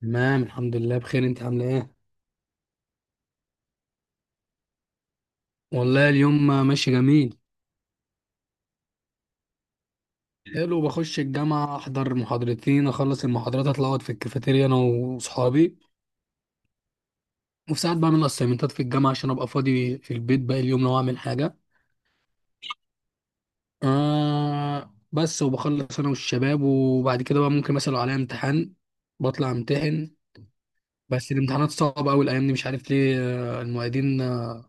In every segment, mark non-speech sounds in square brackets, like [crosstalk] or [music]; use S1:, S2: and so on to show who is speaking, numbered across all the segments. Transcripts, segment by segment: S1: تمام، الحمد لله بخير. انت عامله ايه؟ والله اليوم ماشي جميل. حلو، بخش الجامعه احضر محاضرتين اخلص المحاضرات اطلع اقعد في الكافيتيريا انا واصحابي. وفي ساعات بعمل اسايمنتات في الجامعه عشان ابقى فاضي في البيت باقي اليوم لو اعمل حاجه. بس وبخلص انا والشباب، وبعد كده بقى ممكن مثلا لو عليا امتحان بطلع امتحن. بس الامتحانات صعبه قوي الايام دي، مش عارف ليه، المعيدين،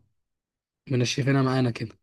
S1: منشفينها معانا كده.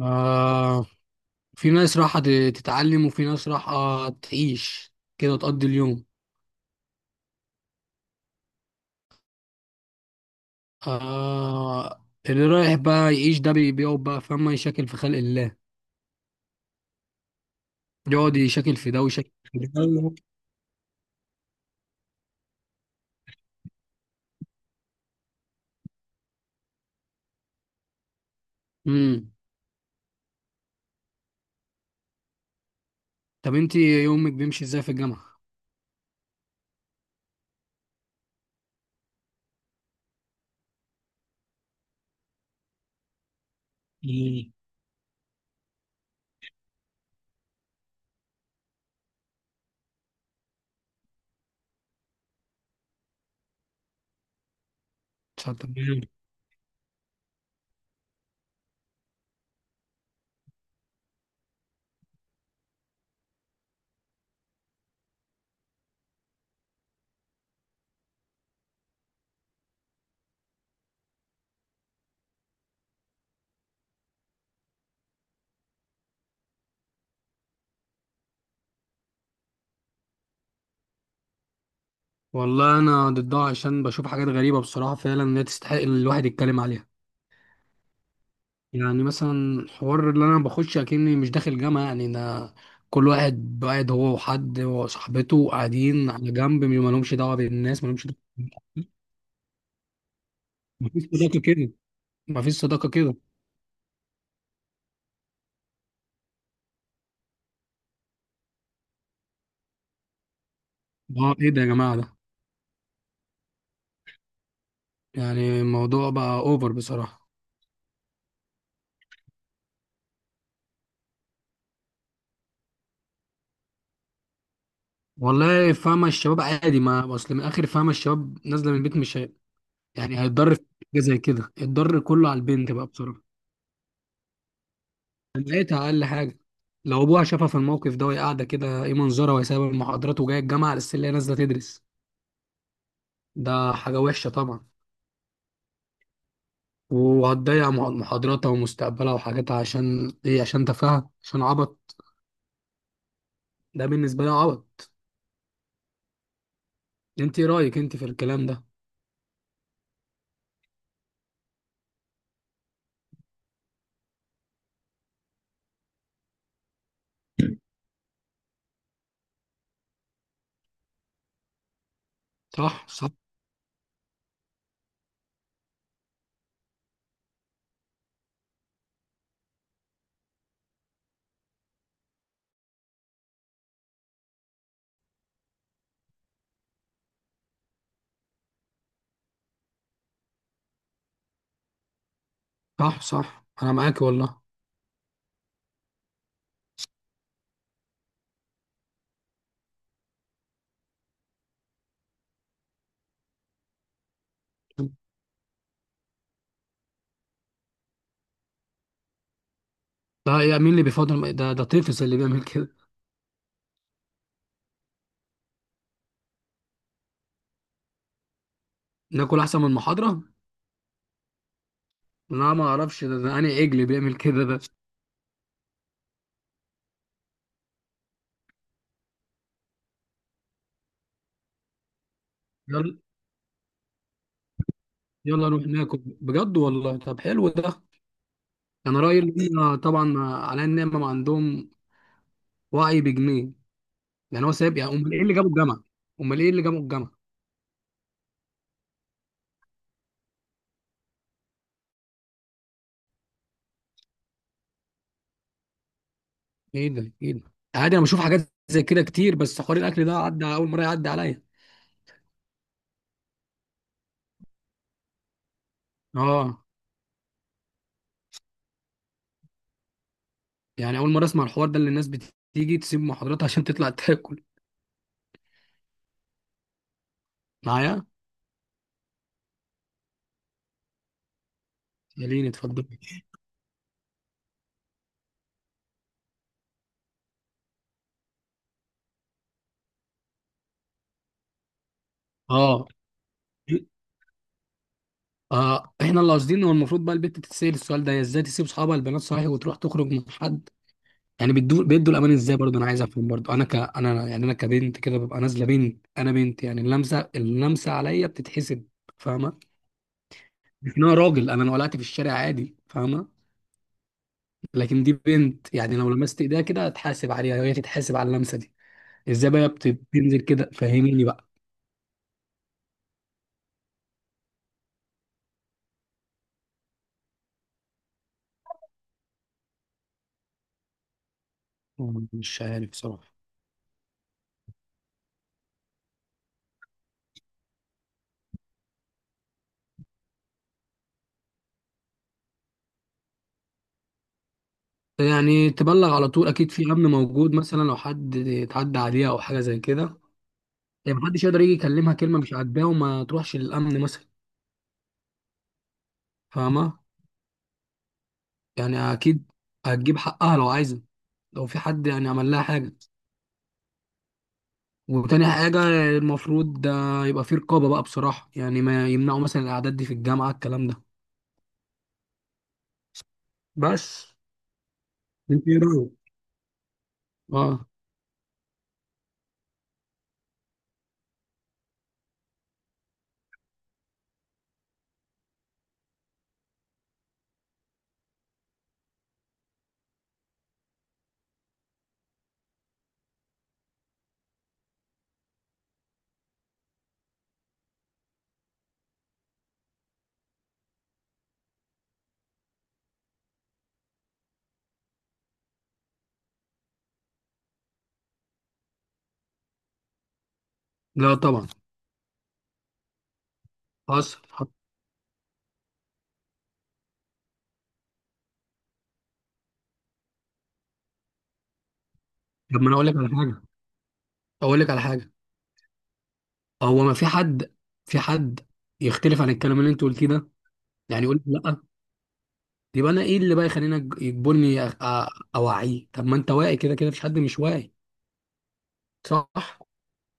S1: آه في ناس راحة تتعلم، وفي ناس راحة تعيش كده تقضي اليوم. اللي رايح بقى يعيش ده بيقعد بقى فما يشكل في خلق الله. يقعد يشكل في ده ويشكل في ده. امم. طب انت يومك بيمشي ازاي في الجامعة؟ امم. والله انا ضدها عشان بشوف حاجات غريبة بصراحة، فعلا لا تستحق الواحد يتكلم عليها. يعني مثلا الحوار اللي انا بخش اكني مش داخل جامعه، يعني انا كل واحد قاعد هو وحد وصاحبته قاعدين على جنب ما لهمش دعوه بالناس ما لهمش دعوه. مفيش صداقه كده مفيش صداقه كده. اه، ايه ده يا جماعه ده، يعني الموضوع بقى اوفر بصراحه. والله فاهمه، الشباب عادي ما اصل من الاخر، فاهمه الشباب نازله من البيت مش يعني هيتضر في حاجه زي كده. الضر كله على البنت بقى بصراحه. لقيتها اقل حاجه، لو ابوها شافها في الموقف ده وهي قاعده كده ايه منظرها، وهي سايبه المحاضرات وجايه الجامعه على السلة هي نازله تدرس. ده حاجه وحشه طبعا. وهتضيع محاضراتها ومستقبلها وحاجاتها، عشان ايه؟ عشان تفاهه، عشان عبط. ده بالنسبه لي عبط. انت ايه رايك انت في الكلام ده؟ صح، صح. صح، صح، انا معاك والله. ده ايه، مين اللي بيفضل ده طفل اللي بيعمل كده. ناكل احسن من المحاضره؟ لا، ما اعرفش ده انا عجل بيعمل كده ده. يلا نروح ناكل بجد والله؟ طب حلو ده. يعني انا رايي ان هم طبعا على النعمه ما عندهم وعي بجنيه. يعني هو سايب، يعني امال ايه اللي جابه الجامعه؟ امال ايه اللي جابه الجامعه ايه ده، ايه ده؟ عادي، انا بشوف حاجات زي كده كتير، بس حوار الاكل ده عدى اول مره يعدي عليا. اه، يعني اول مره اسمع الحوار ده اللي الناس بتيجي تسيب محاضراتها عشان تطلع [laughs] تاكل. معايا. خليني اتفضل. اه. احنا اللي قاصدين، هو المفروض بقى البنت تتسأل السؤال ده: هي ازاي تسيب اصحابها البنات صحيح وتروح تخرج مع حد؟ يعني بيدوا الامان ازاي برضه؟ انا عايز افهم برضه انا يعني انا كبنت كده ببقى نازله بنت، انا بنت، يعني اللمسه عليا بتتحسب، فاهمه؟ لكن انا راجل، انا لو قلعت في الشارع عادي، فاهمه؟ لكن دي بنت يعني لو لمست ايديها كده هتحاسب عليها، وهي تتحاسب على اللمسه دي. ازاي بقى بتنزل كده؟ فهميني بقى. مش عارف بصراحة. يعني تبلغ على طول، اكيد في امن موجود، مثلا لو حد اتعدى عليها او حاجه زي كده. يعني محدش يقدر يجي يكلمها كلمه مش عاجباه وما تروحش للامن مثلا، فاهمه؟ يعني اكيد هتجيب حقها لو عايزه، لو في حد يعني عمل لها حاجه. وتاني حاجه، المفروض ده يبقى في رقابه بقى بصراحه، يعني ما يمنعوا مثلا الاعداد دي في الجامعه الكلام ده بس. انت ايه رايك؟ اه، لا طبعا. حصل حصل. طب ما انا اقول لك على حاجه، اقول لك على حاجه هو ما في حد يختلف عن الكلام اللي انت قلتيه ده، يعني يقول لك لا؟ يبقى انا ايه اللي بقى يخليني يجبرني اوعيه؟ طب ما انت واعي كده كده، مفيش حد مش واعي. صح.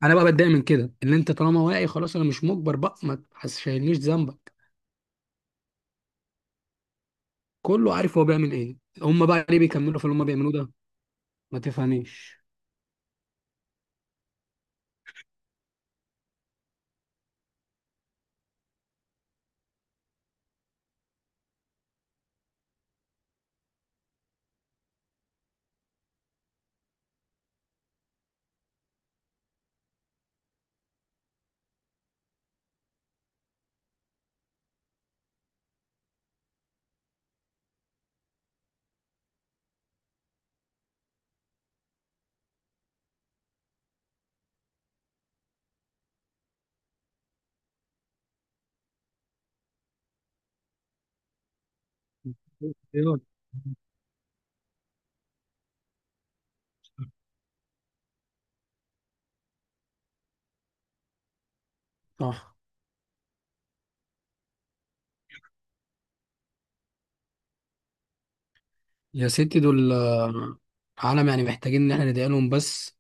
S1: انا بقى بتضايق من كده، ان انت طالما واعي خلاص، انا مش مجبر بقى، ما تحسسنيش ذنبك. كله عارف هو بيعمل ايه، هم بقى ليه بيكملوا في اللي هم بيعملوه ده؟ ما تفهميش. ايوه، صح. يا ستي دول، عالم، يعني محتاجين ان احنا ندعي لهم بس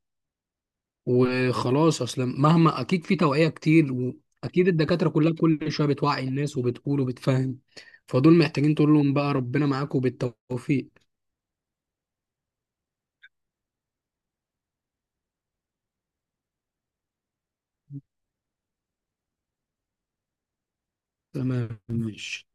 S1: وخلاص. اصلا مهما اكيد في توعية كتير، واكيد الدكاترة كلها كل شوية بتوعي الناس وبتقول وبتفهم، فدول محتاجين تقول لهم بقى ربنا معاكم بالتوفيق. تمام، ماشي.